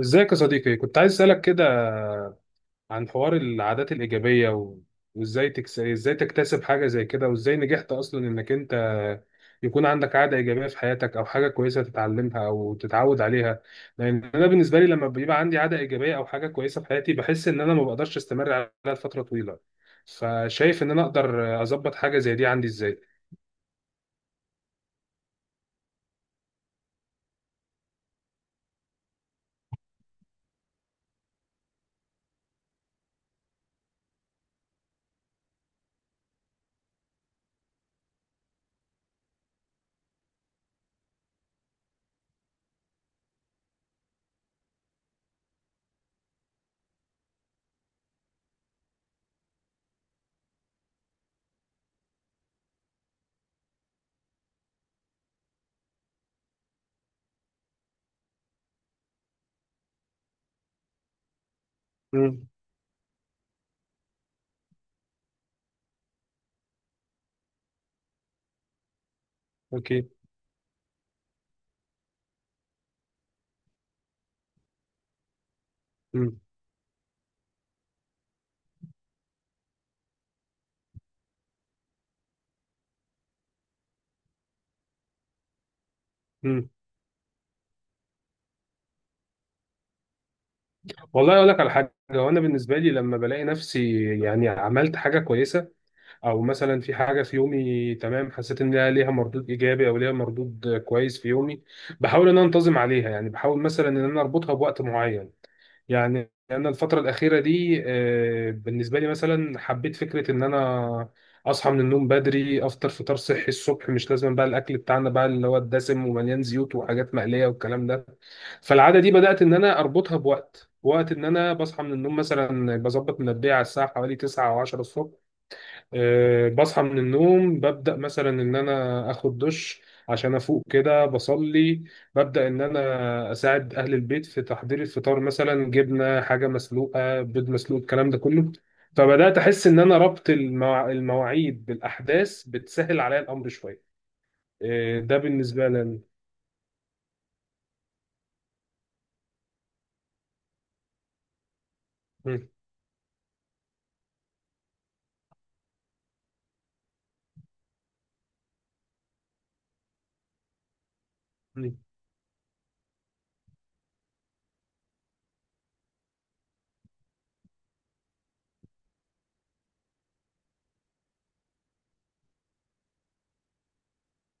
ازيك يا صديقي؟ كنت عايز اسالك كده عن حوار العادات الايجابيه ازاي تكتسب حاجه زي كده، وازاي نجحت اصلا انك انت يكون عندك عاده ايجابيه في حياتك او حاجه كويسه تتعلمها او تتعود عليها. لان انا بالنسبه لي، لما بيبقى عندي عاده ايجابيه او حاجه كويسه في حياتي، بحس ان انا ما بقدرش استمر عليها لفتره طويله. فشايف ان انا اقدر اظبط حاجه زي دي عندي ازاي؟ امم. اوكي. امم. امم. والله اقول لك على حاجه، وانا بالنسبه لي لما بلاقي نفسي يعني عملت حاجه كويسه، او مثلا في حاجه في يومي تمام، حسيت ان ليها مردود ايجابي او ليها مردود كويس في يومي، بحاول ان انا انتظم عليها. يعني بحاول مثلا ان انا اربطها بوقت معين. يعني انا الفتره الاخيره دي، بالنسبه لي مثلا حبيت فكره ان انا اصحى من النوم بدري، افطر فطار صحي الصبح، مش لازم بقى الاكل بتاعنا بقى اللي هو الدسم ومليان زيوت وحاجات مقليه والكلام ده. فالعاده دي بدات ان انا اربطها بوقت ان انا بصحى من النوم مثلا، بظبط منبهي على الساعه حوالي 9 او 10 الصبح. أه، بصحى من النوم ببدأ مثلا إن أنا آخد دش عشان أفوق كده، بصلي، ببدأ إن أنا أساعد أهل البيت في تحضير الفطار، مثلا جبنة، حاجة مسلوقة، بيض مسلوق، الكلام ده كله. فبدأت أحس إن أنا ربط المواعيد بالأحداث بتسهل عليا الأمر شوية. أه، ده بالنسبة لي أنا. مم. مم.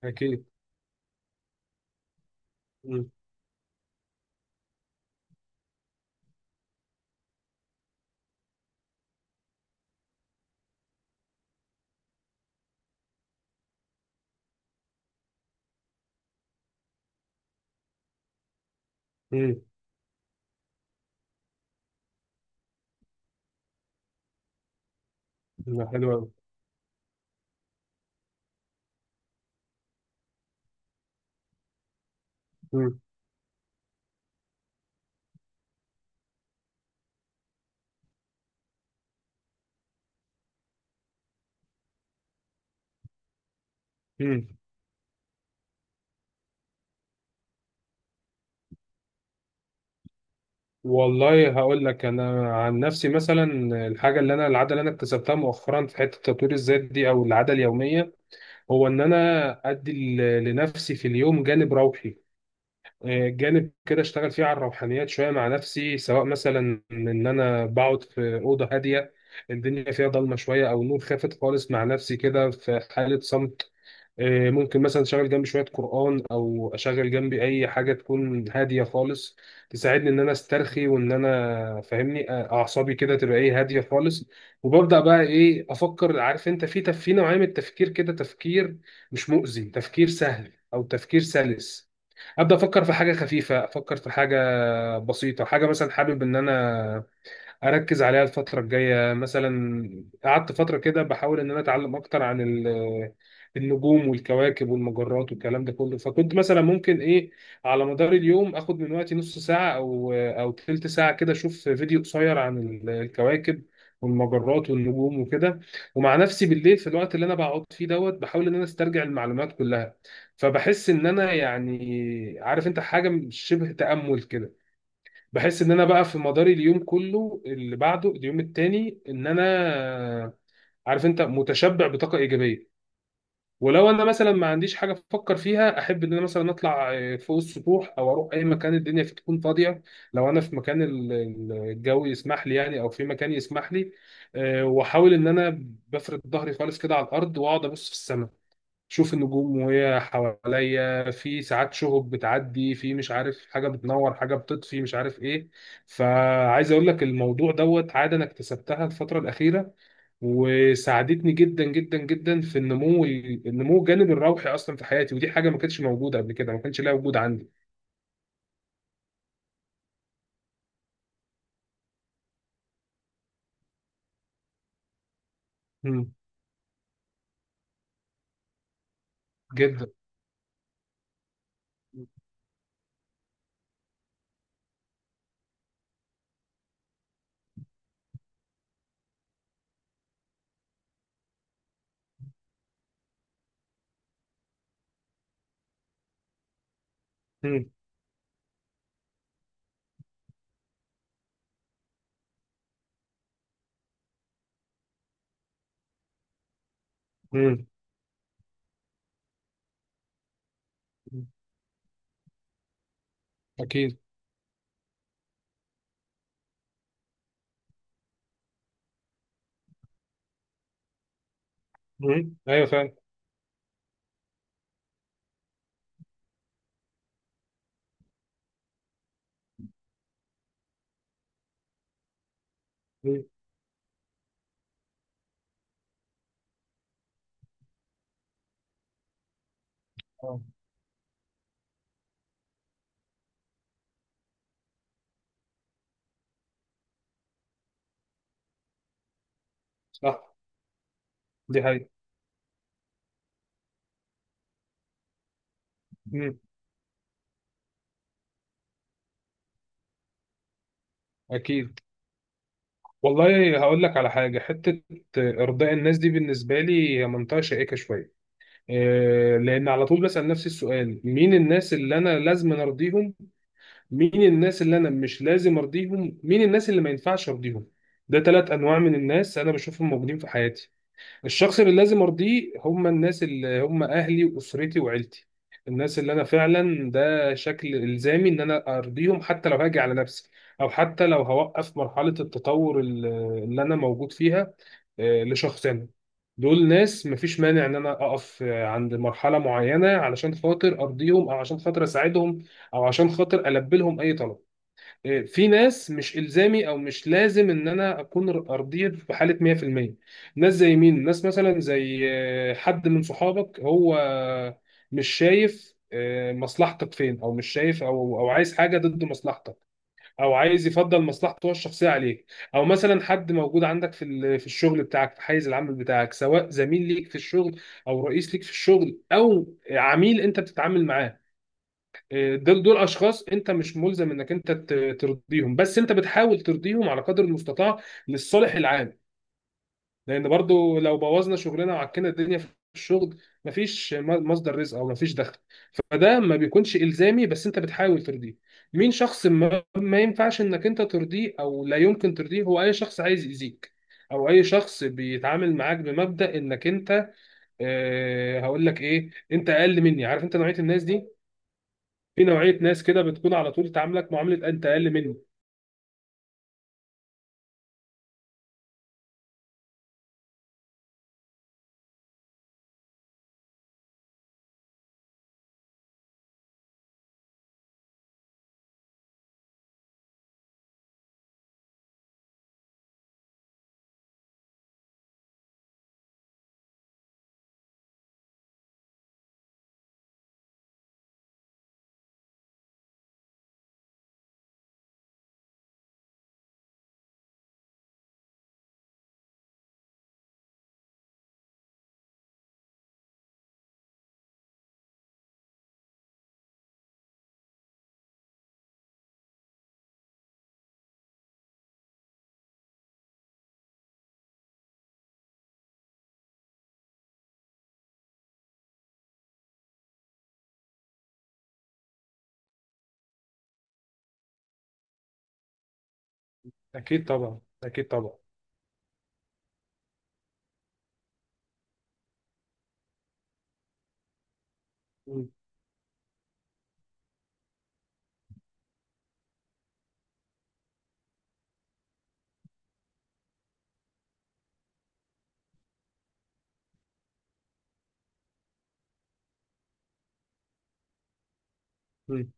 أكيد. مم. مم. حلو أوي. مم. مم. والله هقول لك انا عن نفسي مثلا، الحاجه اللي انا، العاده اللي انا اكتسبتها مؤخرا في حته تطوير الذات دي او العاده اليوميه، هو ان انا ادي لنفسي في اليوم جانب روحي، جانب كده اشتغل فيه على الروحانيات شويه مع نفسي، سواء مثلا ان انا بقعد في اوضه هاديه، الدنيا فيها ضلمه شويه او نور خافت خالص، مع نفسي كده في حاله صمت. ممكن مثلا اشغل جنبي شويه قران، او اشغل جنبي اي حاجه تكون هاديه خالص تساعدني ان انا استرخي وان انا فاهمني اعصابي كده تبقى ايه هاديه خالص. وببدا بقى ايه افكر، عارف انت، في في نوعيه من التفكير كده، تفكير مش مؤذي، تفكير سهل او تفكير سلس. ابدا افكر في حاجه خفيفه، افكر في حاجه بسيطه، حاجه مثلا حابب ان انا اركز عليها الفتره الجايه مثلا. قعدت فتره كده بحاول ان انا اتعلم اكتر عن النجوم والكواكب والمجرات والكلام ده كله، فكنت مثلا ممكن ايه على مدار اليوم اخد من وقتي نص ساعه او تلت ساعه كده، اشوف فيديو قصير عن الكواكب والمجرات والنجوم وكده. ومع نفسي بالليل في الوقت اللي انا بقعد فيه دوت، بحاول ان انا استرجع المعلومات كلها. فبحس ان انا يعني، عارف انت، حاجه شبه تامل كده. بحس ان انا بقى في مداري اليوم كله اللي بعده اليوم التاني، ان انا عارف انت متشبع بطاقه ايجابيه. ولو انا مثلا ما عنديش حاجه افكر فيها، احب ان انا مثلا اطلع فوق السطوح او اروح اي مكان الدنيا فيه تكون فاضيه، لو انا في مكان الجو يسمح لي يعني، او في مكان يسمح لي، واحاول ان انا بفرد ظهري خالص كده على الارض، واقعد ابص في السماء، شوف النجوم وهي حواليا، في ساعات شهب بتعدي، في مش عارف حاجة بتنور، حاجة بتطفي، مش عارف ايه. فعايز اقول لك، الموضوع دوت عادة انا اكتسبتها الفترة الأخيرة، وساعدتني جدا جدا جدا في النمو، الجانب الروحي اصلا في حياتي. ودي حاجة ما كانتش موجودة قبل كده، ما كانش لها وجود عندي. مم. جدا. مم. مم. اكيد. مم. ايوه فعلا. مم. آه. صح. دي حقيقة. مم. اكيد. والله هقول لك على حاجة، حتة إرضاء الناس دي بالنسبة لي هي منطقة شائكة شوية. إيه، لأن على طول بسأل نفسي السؤال، مين الناس اللي أنا لازم أرضيهم، مين الناس اللي أنا مش لازم أرضيهم، مين الناس اللي ما ينفعش أرضيهم. ده ثلاث أنواع من الناس أنا بشوفهم موجودين في حياتي. الشخص اللي لازم ارضيه هم الناس اللي هم اهلي واسرتي وعيلتي، الناس اللي انا فعلا ده شكل الزامي ان انا ارضيهم حتى لو هاجي على نفسي، او حتى لو هوقف مرحلة التطور اللي انا موجود فيها، لشخص انا. دول ناس مفيش مانع ان انا اقف عند مرحلة معينة علشان خاطر ارضيهم، او عشان خاطر اساعدهم، او عشان خاطر البي لهم اي طلب. في ناس مش الزامي او مش لازم ان انا اكون ارضيه في حاله 100%. ناس زي مين؟ ناس مثلا زي حد من صحابك هو مش شايف مصلحتك فين، او مش شايف، او عايز حاجه ضد مصلحتك، او عايز يفضل مصلحته هو الشخصيه عليك، او مثلا حد موجود عندك في في الشغل بتاعك، في حيز العمل بتاعك، سواء زميل ليك في الشغل، او رئيس ليك في الشغل، او عميل انت بتتعامل معاه. دول اشخاص انت مش ملزم انك انت ترضيهم، بس انت بتحاول ترضيهم على قدر المستطاع للصالح العام. لان برضو لو بوظنا شغلنا وعكنا الدنيا في الشغل، مفيش مصدر رزق او مفيش دخل. فده ما بيكونش الزامي، بس انت بتحاول ترضيه. مين شخص ما ينفعش انك انت ترضيه او لا يمكن ترضيه؟ هو اي شخص عايز يأذيك، او اي شخص بيتعامل معاك بمبدأ انك انت، أه هقول لك ايه، انت اقل مني، عارف انت نوعية الناس دي. في نوعية ناس كده بتكون على طول تعاملك معاملة أنت أقل مني. أكيد طبعا، أكيد طبعا. مم. مم.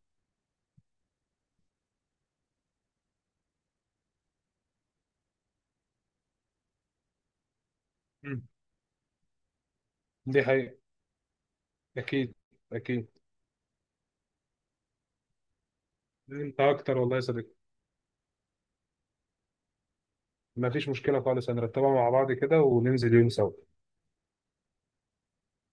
مم. دي حقيقة. أكيد. أكيد. أنت أكتر والله يا صديقي. مفيش مشكلة خالص، هنرتبها مع بعض كده وننزل يوم سوا.